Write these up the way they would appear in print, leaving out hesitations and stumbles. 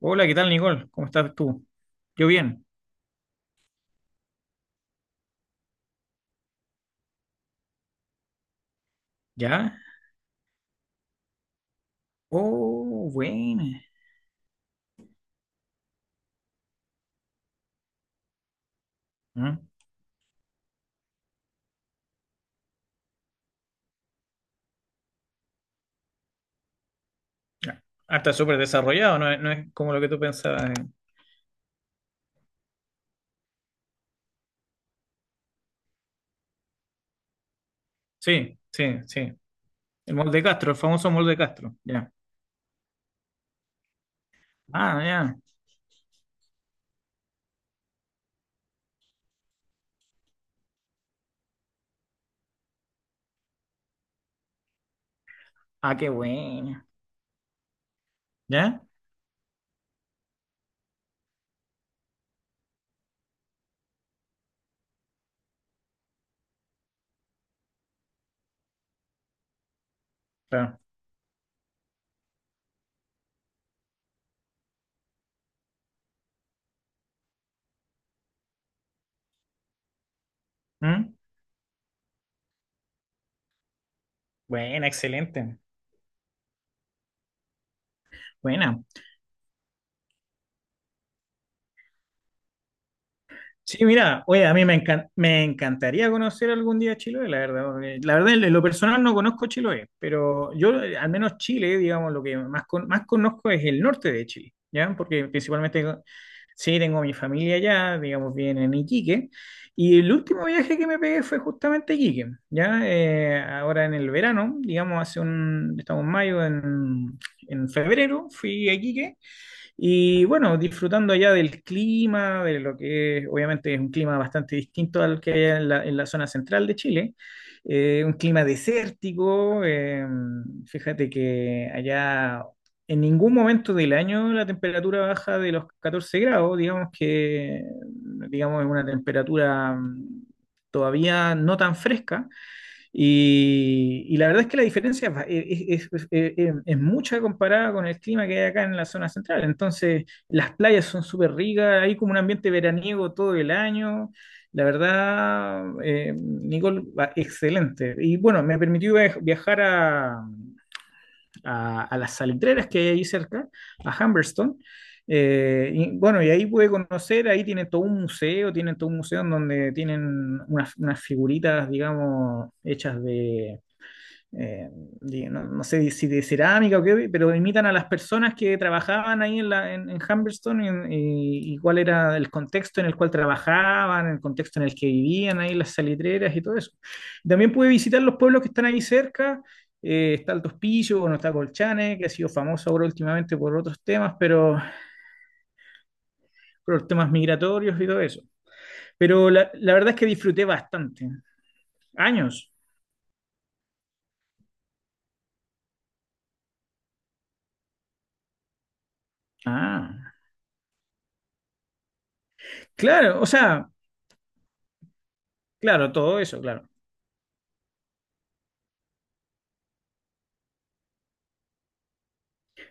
Hola, ¿qué tal, Nicole? ¿Cómo estás tú? Yo bien. ¿Ya? Oh, bueno. Mm, ya. Ah, está súper desarrollado, no es como lo que tú pensabas. Sí, sí, sí. El molde Castro, el famoso molde Castro. Ya. Ah, ya. Ah, qué bueno. ¿Ya? Claro. Mm. Buena, excelente. Buena. Sí, mira, oye, a mí me encantaría conocer algún día Chiloé, la verdad. Porque La verdad, en lo personal no conozco Chiloé, pero yo, al menos Chile, digamos, lo que más, más conozco es el norte de Chile, ¿ya? Porque principalmente, sí, tengo mi familia allá, digamos, bien en Iquique, y el último viaje que me pegué fue justamente a Iquique, ¿ya? Ahora en el verano, digamos, estamos en mayo, en febrero fui a Iquique. Y bueno, disfrutando allá del clima, de obviamente es un clima bastante distinto al que hay en en la zona central de Chile, un clima desértico, fíjate que allá en ningún momento del año la temperatura baja de los 14 grados, digamos, es una temperatura todavía no tan fresca. Y la verdad es que la diferencia es mucha comparada con el clima que hay acá en la zona central. Entonces, las playas son súper ricas, hay como un ambiente veraniego todo el año. La verdad, Nicole, excelente. Y bueno, me permitió viajar a, a las salitreras que hay ahí cerca, a Humberstone. Y bueno, y ahí pude conocer, ahí tienen todo un museo, tienen todo un museo en donde tienen unas, unas figuritas, digamos, hechas de, eh, no, no sé si de cerámica o qué, pero imitan a las personas que trabajaban ahí en Humberstone y, y cuál era el contexto en el cual trabajaban, el contexto en el que vivían ahí, las salitreras y todo eso. También pude visitar los pueblos que están ahí cerca, está Altos Pillos, bueno, está Colchane, que ha sido famoso ahora últimamente por otros temas, pero por temas migratorios y todo eso. Pero la verdad es que disfruté bastante. Años. Ah, claro, o sea, claro, todo eso, claro.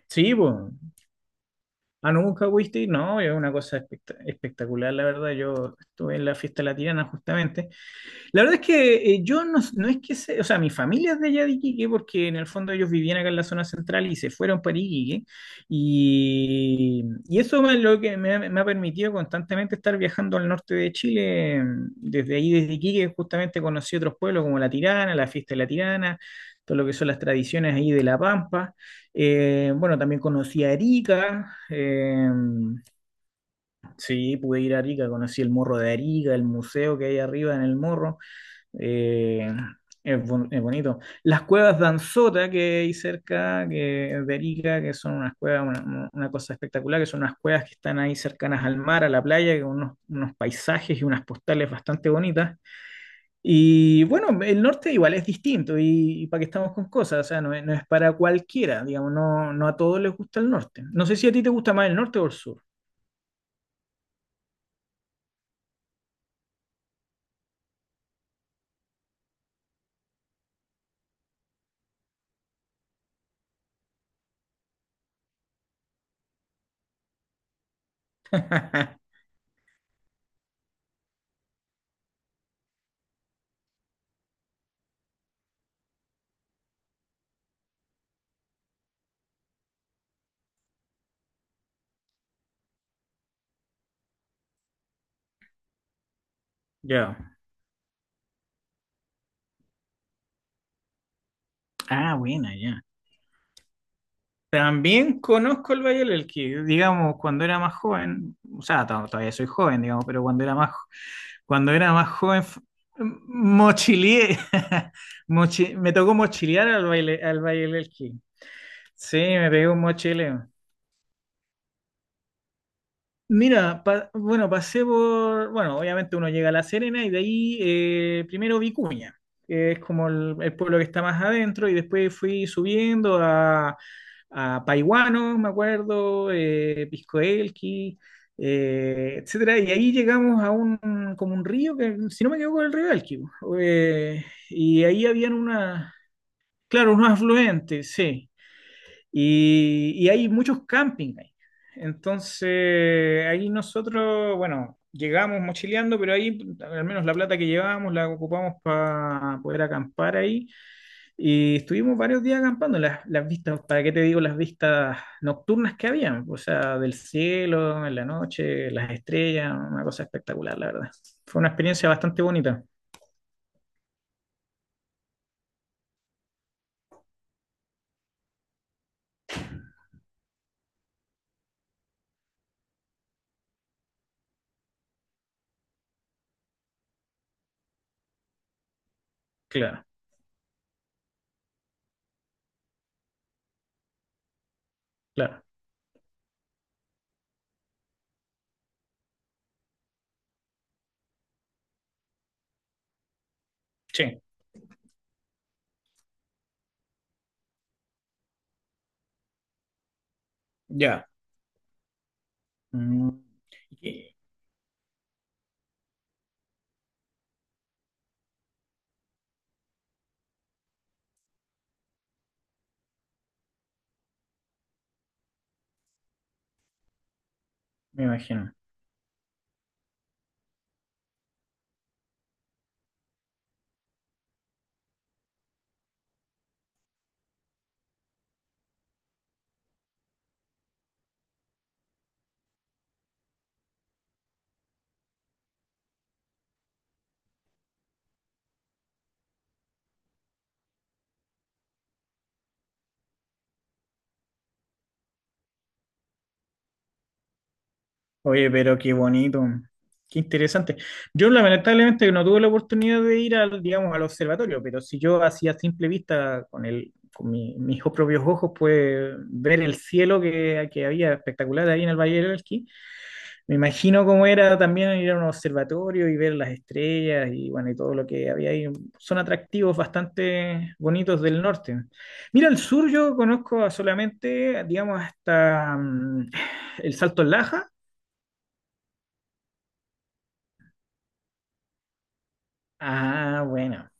Sí, pues. Ah, no, nunca fuiste, no, es una cosa espectacular, la verdad. Yo estuve en la fiesta latina justamente. La verdad es que yo no, no es que se, o sea, mi familia es de allá de Iquique porque en el fondo ellos vivían acá en la zona central y se fueron para Iquique y eso es lo que me ha permitido constantemente estar viajando al norte de Chile, desde ahí, desde Iquique, justamente conocí otros pueblos como La Tirana, la Fiesta de La Tirana, todo lo que son las tradiciones ahí de La Pampa. Bueno, también conocí a Arica, sí, pude ir a Arica, conocí el morro de Arica, el museo que hay arriba en el morro. Eh, es bonito. Las cuevas de Anzota que hay cerca, que de Arica, que son unas cuevas, una cosa espectacular, que son unas cuevas que están ahí cercanas al mar, a la playa, con unos, unos paisajes y unas postales bastante bonitas. Y bueno, el norte igual es distinto y para qué estamos con cosas, o sea, no es para cualquiera, digamos, no, no a todos les gusta el norte. No sé si a ti te gusta más el norte o el sur. Ya. Ah, buena, ya. También conozco el Valle del Elqui, digamos, cuando era más joven, o sea, todavía soy joven, digamos, pero cuando era más joven, mochileé, me tocó mochilear al, baile, al Valle del Elqui. Sí, me pegó un mochileo. Mira, bueno, pasé por, bueno, obviamente uno llega a La Serena y de ahí primero Vicuña, que es como el pueblo que está más adentro, y después fui subiendo a Paiguano, me acuerdo, Pisco Elqui, etcétera, y ahí llegamos a un, como un río que, si no me equivoco, el río Elqui, eh, y ahí habían una, claro, unos afluentes, sí, y hay muchos campings ahí. Entonces, ahí nosotros, bueno, llegamos mochileando, pero ahí al menos la plata que llevábamos la ocupamos para poder acampar ahí. Y estuvimos varios días acampando. Las vistas, ¿para qué te digo las vistas nocturnas que habían? O sea, del cielo, en la noche, las estrellas, una cosa espectacular, la verdad. Fue una experiencia bastante bonita. Claro, claro. Sí, ya. Mm, y- me imagino. Oye, pero qué bonito, qué interesante. Yo lamentablemente no tuve la oportunidad de ir al, digamos, al observatorio, pero si yo hacía simple vista con con mis propios ojos, pues ver el cielo que había espectacular ahí en el Valle del Elqui. Me imagino cómo era también ir a un observatorio y ver las estrellas y bueno, y todo lo que había ahí. Son atractivos bastante bonitos del norte. Mira, el sur yo conozco solamente, digamos, hasta el Salto del Laja. Ah,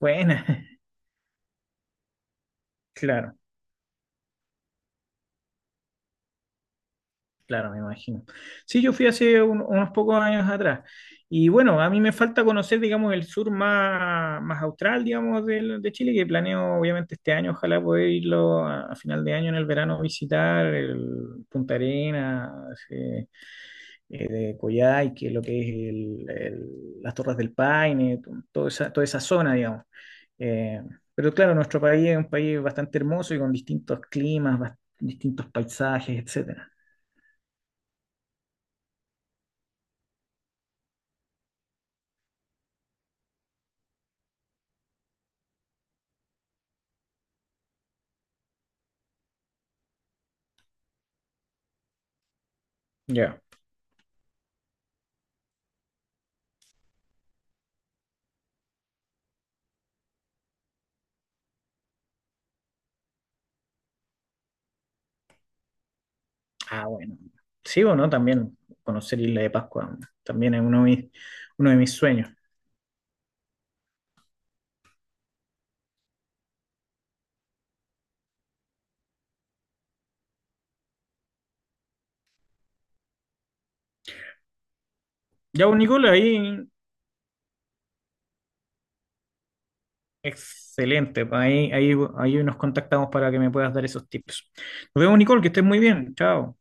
buena, claro, claro, me imagino. Sí, yo fui hace unos pocos años atrás. Y bueno, a mí me falta conocer, digamos, el sur más, más austral, digamos, de Chile, que planeo, obviamente, este año, ojalá poder irlo a final de año en el verano, visitar el Punta Arenas, eh, de Coyhaique, lo que es las Torres del Paine, toda esa zona, digamos. Eh, pero claro, nuestro país es un país bastante hermoso y con distintos climas, distintos paisajes, etcétera. Ya. Ah, bueno. Sí o no, también conocer Isla de Pascua también es uno de mis sueños. Ya, pues, Nicola, ahí excelente. Pues, ahí, ahí, ahí nos contactamos para que me puedas dar esos tips. Nos vemos, Nicole, que estés muy bien. Chao.